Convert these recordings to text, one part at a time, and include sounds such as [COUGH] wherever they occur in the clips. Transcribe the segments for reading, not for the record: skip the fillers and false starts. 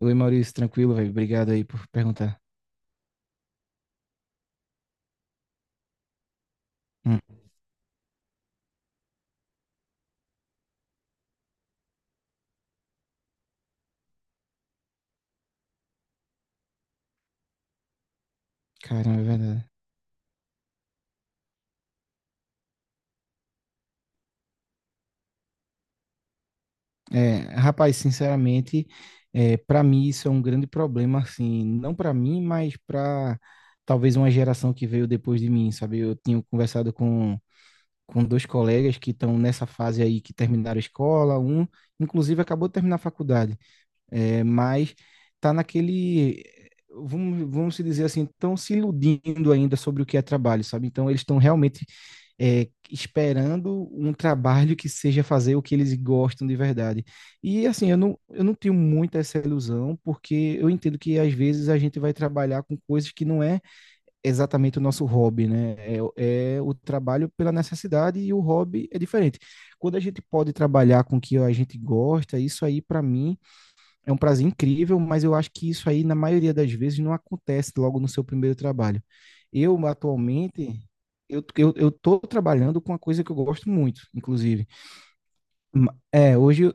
Oi, Maurício, tranquilo, velho. Obrigado aí por perguntar. Hum, Caramba, é verdade. É, rapaz, sinceramente, para mim isso é um grande problema, assim, não para mim, mas para talvez uma geração que veio depois de mim, sabe? Eu tinha conversado com dois colegas que estão nessa fase aí, que terminaram a escola, um, inclusive, acabou de terminar a faculdade. É, mas está naquele, vamos se dizer assim, estão se iludindo ainda sobre o que é trabalho, sabe? Então, eles estão realmente esperando um trabalho que seja fazer o que eles gostam de verdade. E assim, eu não tenho muita essa ilusão, porque eu entendo que às vezes a gente vai trabalhar com coisas que não é exatamente o nosso hobby, né? É, é o trabalho pela necessidade e o hobby é diferente. Quando a gente pode trabalhar com o que a gente gosta, isso aí para mim é um prazer incrível, mas eu acho que isso aí, na maioria das vezes, não acontece logo no seu primeiro trabalho. Eu, atualmente, eu tô trabalhando com uma coisa que eu gosto muito, inclusive. É, hoje,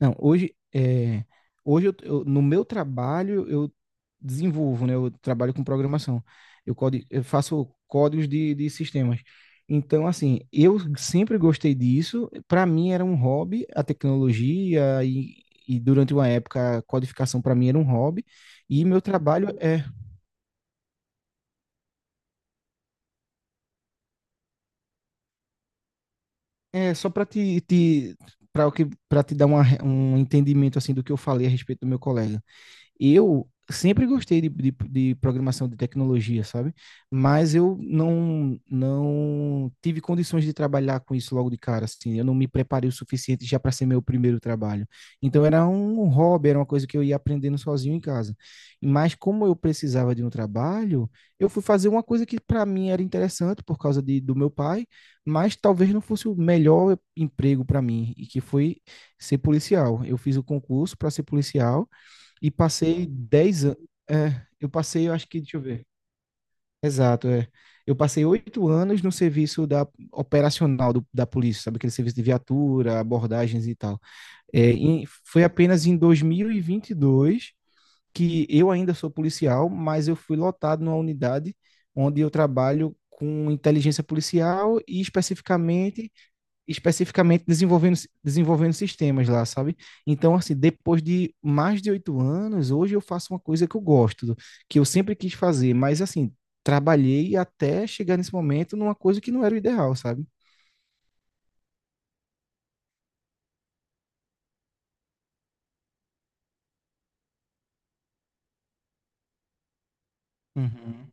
não, hoje, hoje no meu trabalho eu desenvolvo, né? Eu trabalho com programação. Eu faço códigos de sistemas. Então, assim, eu sempre gostei disso. Para mim era um hobby, a tecnologia e durante uma época a codificação para mim era um hobby. E meu trabalho é, só para te para que para te dar um entendimento assim do que eu falei a respeito do meu colega. Eu sempre gostei de programação de tecnologia, sabe? Mas eu não tive condições de trabalhar com isso logo de cara, assim. Eu não me preparei o suficiente já para ser meu primeiro trabalho. Então era um hobby, era uma coisa que eu ia aprendendo sozinho em casa. Mas como eu precisava de um trabalho, eu fui fazer uma coisa que para mim era interessante por causa do meu pai, mas talvez não fosse o melhor emprego para mim, e que foi ser policial. Eu fiz o concurso para ser policial e passei 10 anos. É, eu passei, eu acho que, deixa eu ver. Exato, é. Eu passei 8 anos no serviço da operacional da polícia, sabe? Aquele serviço de viatura, abordagens e tal. É, foi apenas em 2022 que eu ainda sou policial, mas eu fui lotado numa unidade onde eu trabalho com inteligência policial e especificamente especificamente desenvolvendo, desenvolvendo sistemas lá, sabe? Então, assim, depois de mais de 8 anos, hoje eu faço uma coisa que eu gosto, que eu sempre quis fazer, mas, assim, trabalhei até chegar nesse momento numa coisa que não era o ideal, sabe? Uhum,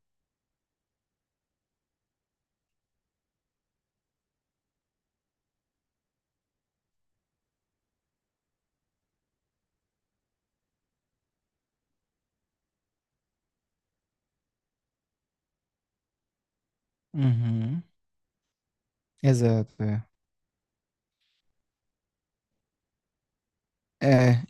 uhum. Exato, é. É,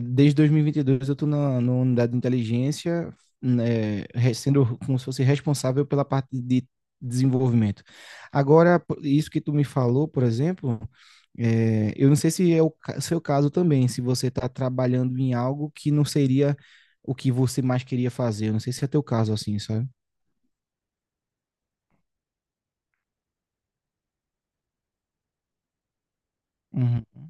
desde 2022 eu estou na, unidade de inteligência, né, sendo como se fosse responsável pela parte de desenvolvimento. Agora, isso que tu me falou, por exemplo, eu não sei se é seu caso também, se você está trabalhando em algo que não seria o que você mais queria fazer. Eu não sei se é teu caso assim, sabe? Uhum.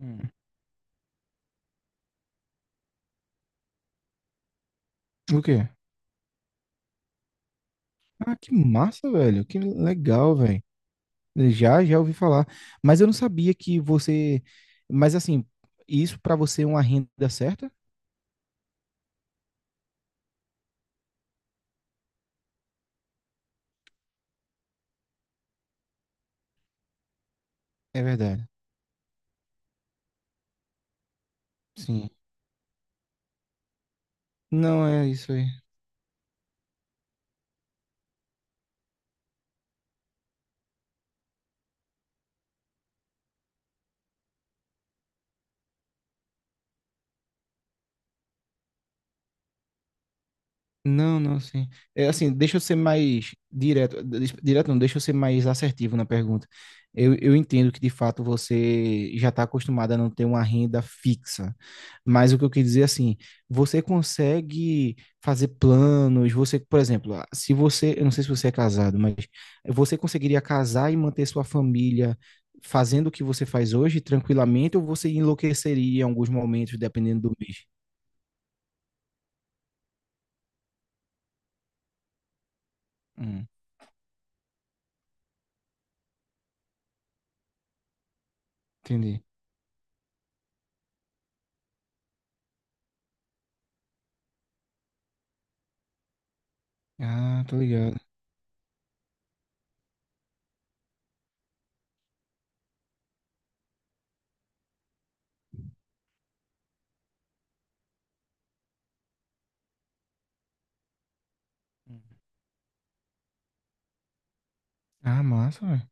Uhum. O quê? Ah, que massa, velho. Que legal, velho. Já ouvi falar. Mas eu não sabia que você. Mas assim, isso para você é uma renda certa? É verdade. Sim. Não é isso aí. Não, não, sim. É assim, deixa eu ser mais direto. Direto não, deixa eu ser mais assertivo na pergunta. Eu entendo que de fato você já está acostumada a não ter uma renda fixa. Mas o que eu quis dizer assim, você consegue fazer planos, você, por exemplo, ah, se você, eu não sei se você é casado, mas você conseguiria casar e manter sua família fazendo o que você faz hoje tranquilamente, ou você enlouqueceria em alguns momentos, dependendo do mês? Hum, Entendi. Ah, tô ligado. Ah, massa,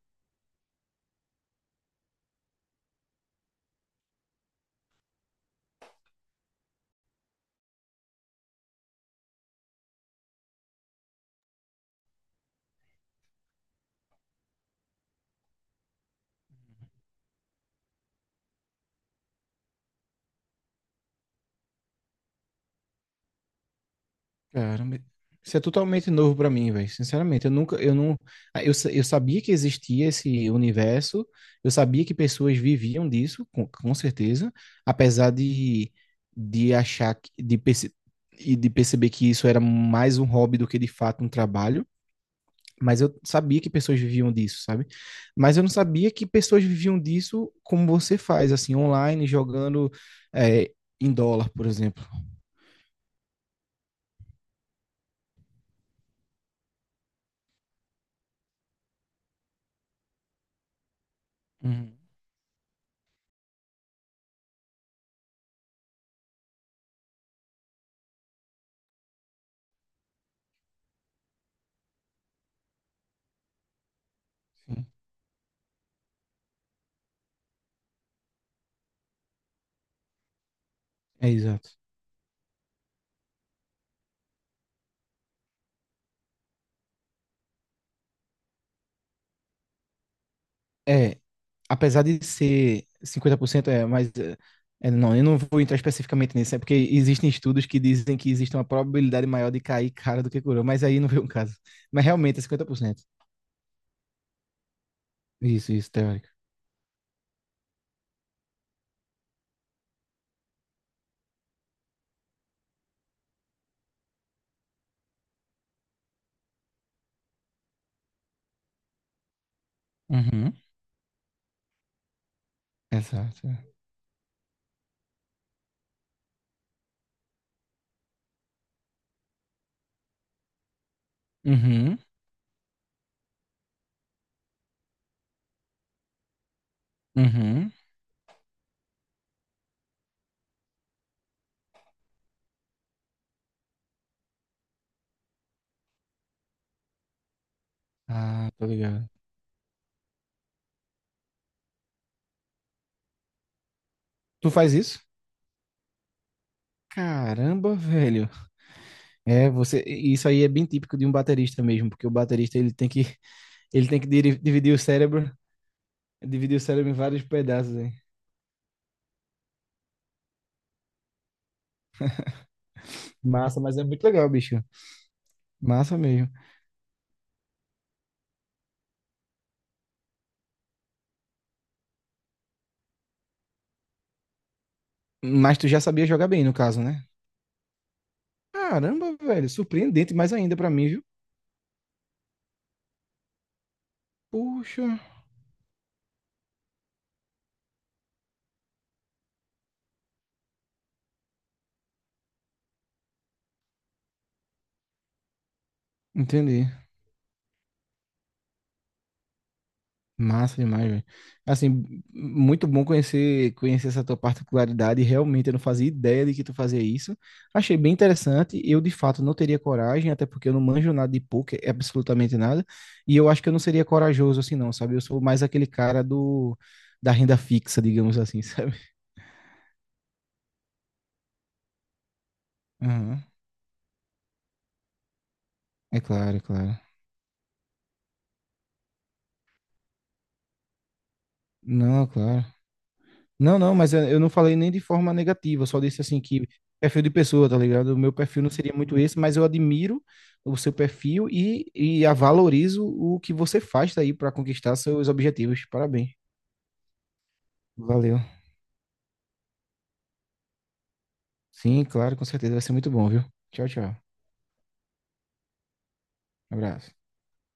caramba, isso é totalmente novo pra mim, velho. Sinceramente, eu nunca, eu não, ah, eu, sa- eu sabia que existia esse universo, eu sabia que pessoas viviam disso, com certeza, apesar de achar, e de perceber que isso era mais um hobby do que de fato um trabalho, mas eu sabia que pessoas viviam disso, sabe? Mas eu não sabia que pessoas viviam disso como você faz, assim, online, jogando, eh, em dólar, por exemplo. Uhum, sim. É exato. É, apesar de ser 50%, é, mas não, eu não vou entrar especificamente nisso, é porque existem estudos que dizem que existe uma probabilidade maior de cair cara do que coroa, mas aí não [LAUGHS] veio um caso. Mas realmente é 50%. Isso, isso, teórico. Uhum, exato. Uhum, uhum. Ah, tô ligado. Tu faz isso? Caramba, velho. É, você, isso aí é bem típico de um baterista mesmo, porque o baterista ele tem que dividir o cérebro, dividir o cérebro em vários pedaços, hein. Massa, mas é muito legal, bicho. Massa mesmo. Mas tu já sabia jogar bem, no caso, né? Caramba, velho, surpreendente mais ainda pra mim, viu? Puxa, entendi. Massa demais, velho. Assim, muito bom conhecer essa tua particularidade. Realmente eu não fazia ideia de que tu fazia isso. Achei bem interessante. Eu, de fato, não teria coragem, até porque eu não manjo nada de poker, absolutamente nada. E eu acho que eu não seria corajoso assim, não, sabe? Eu sou mais aquele cara do da renda fixa, digamos assim, [LAUGHS] sabe? Aham. É claro, é claro. Não, é claro. Não, não, mas eu não falei nem de forma negativa, eu só disse assim que perfil de pessoa, tá ligado? O meu perfil não seria muito esse, mas eu admiro o seu perfil e a valorizo o que você faz daí para conquistar seus objetivos. Parabéns. Valeu. Sim, claro, com certeza vai ser muito bom, viu? Tchau, tchau. Abraço.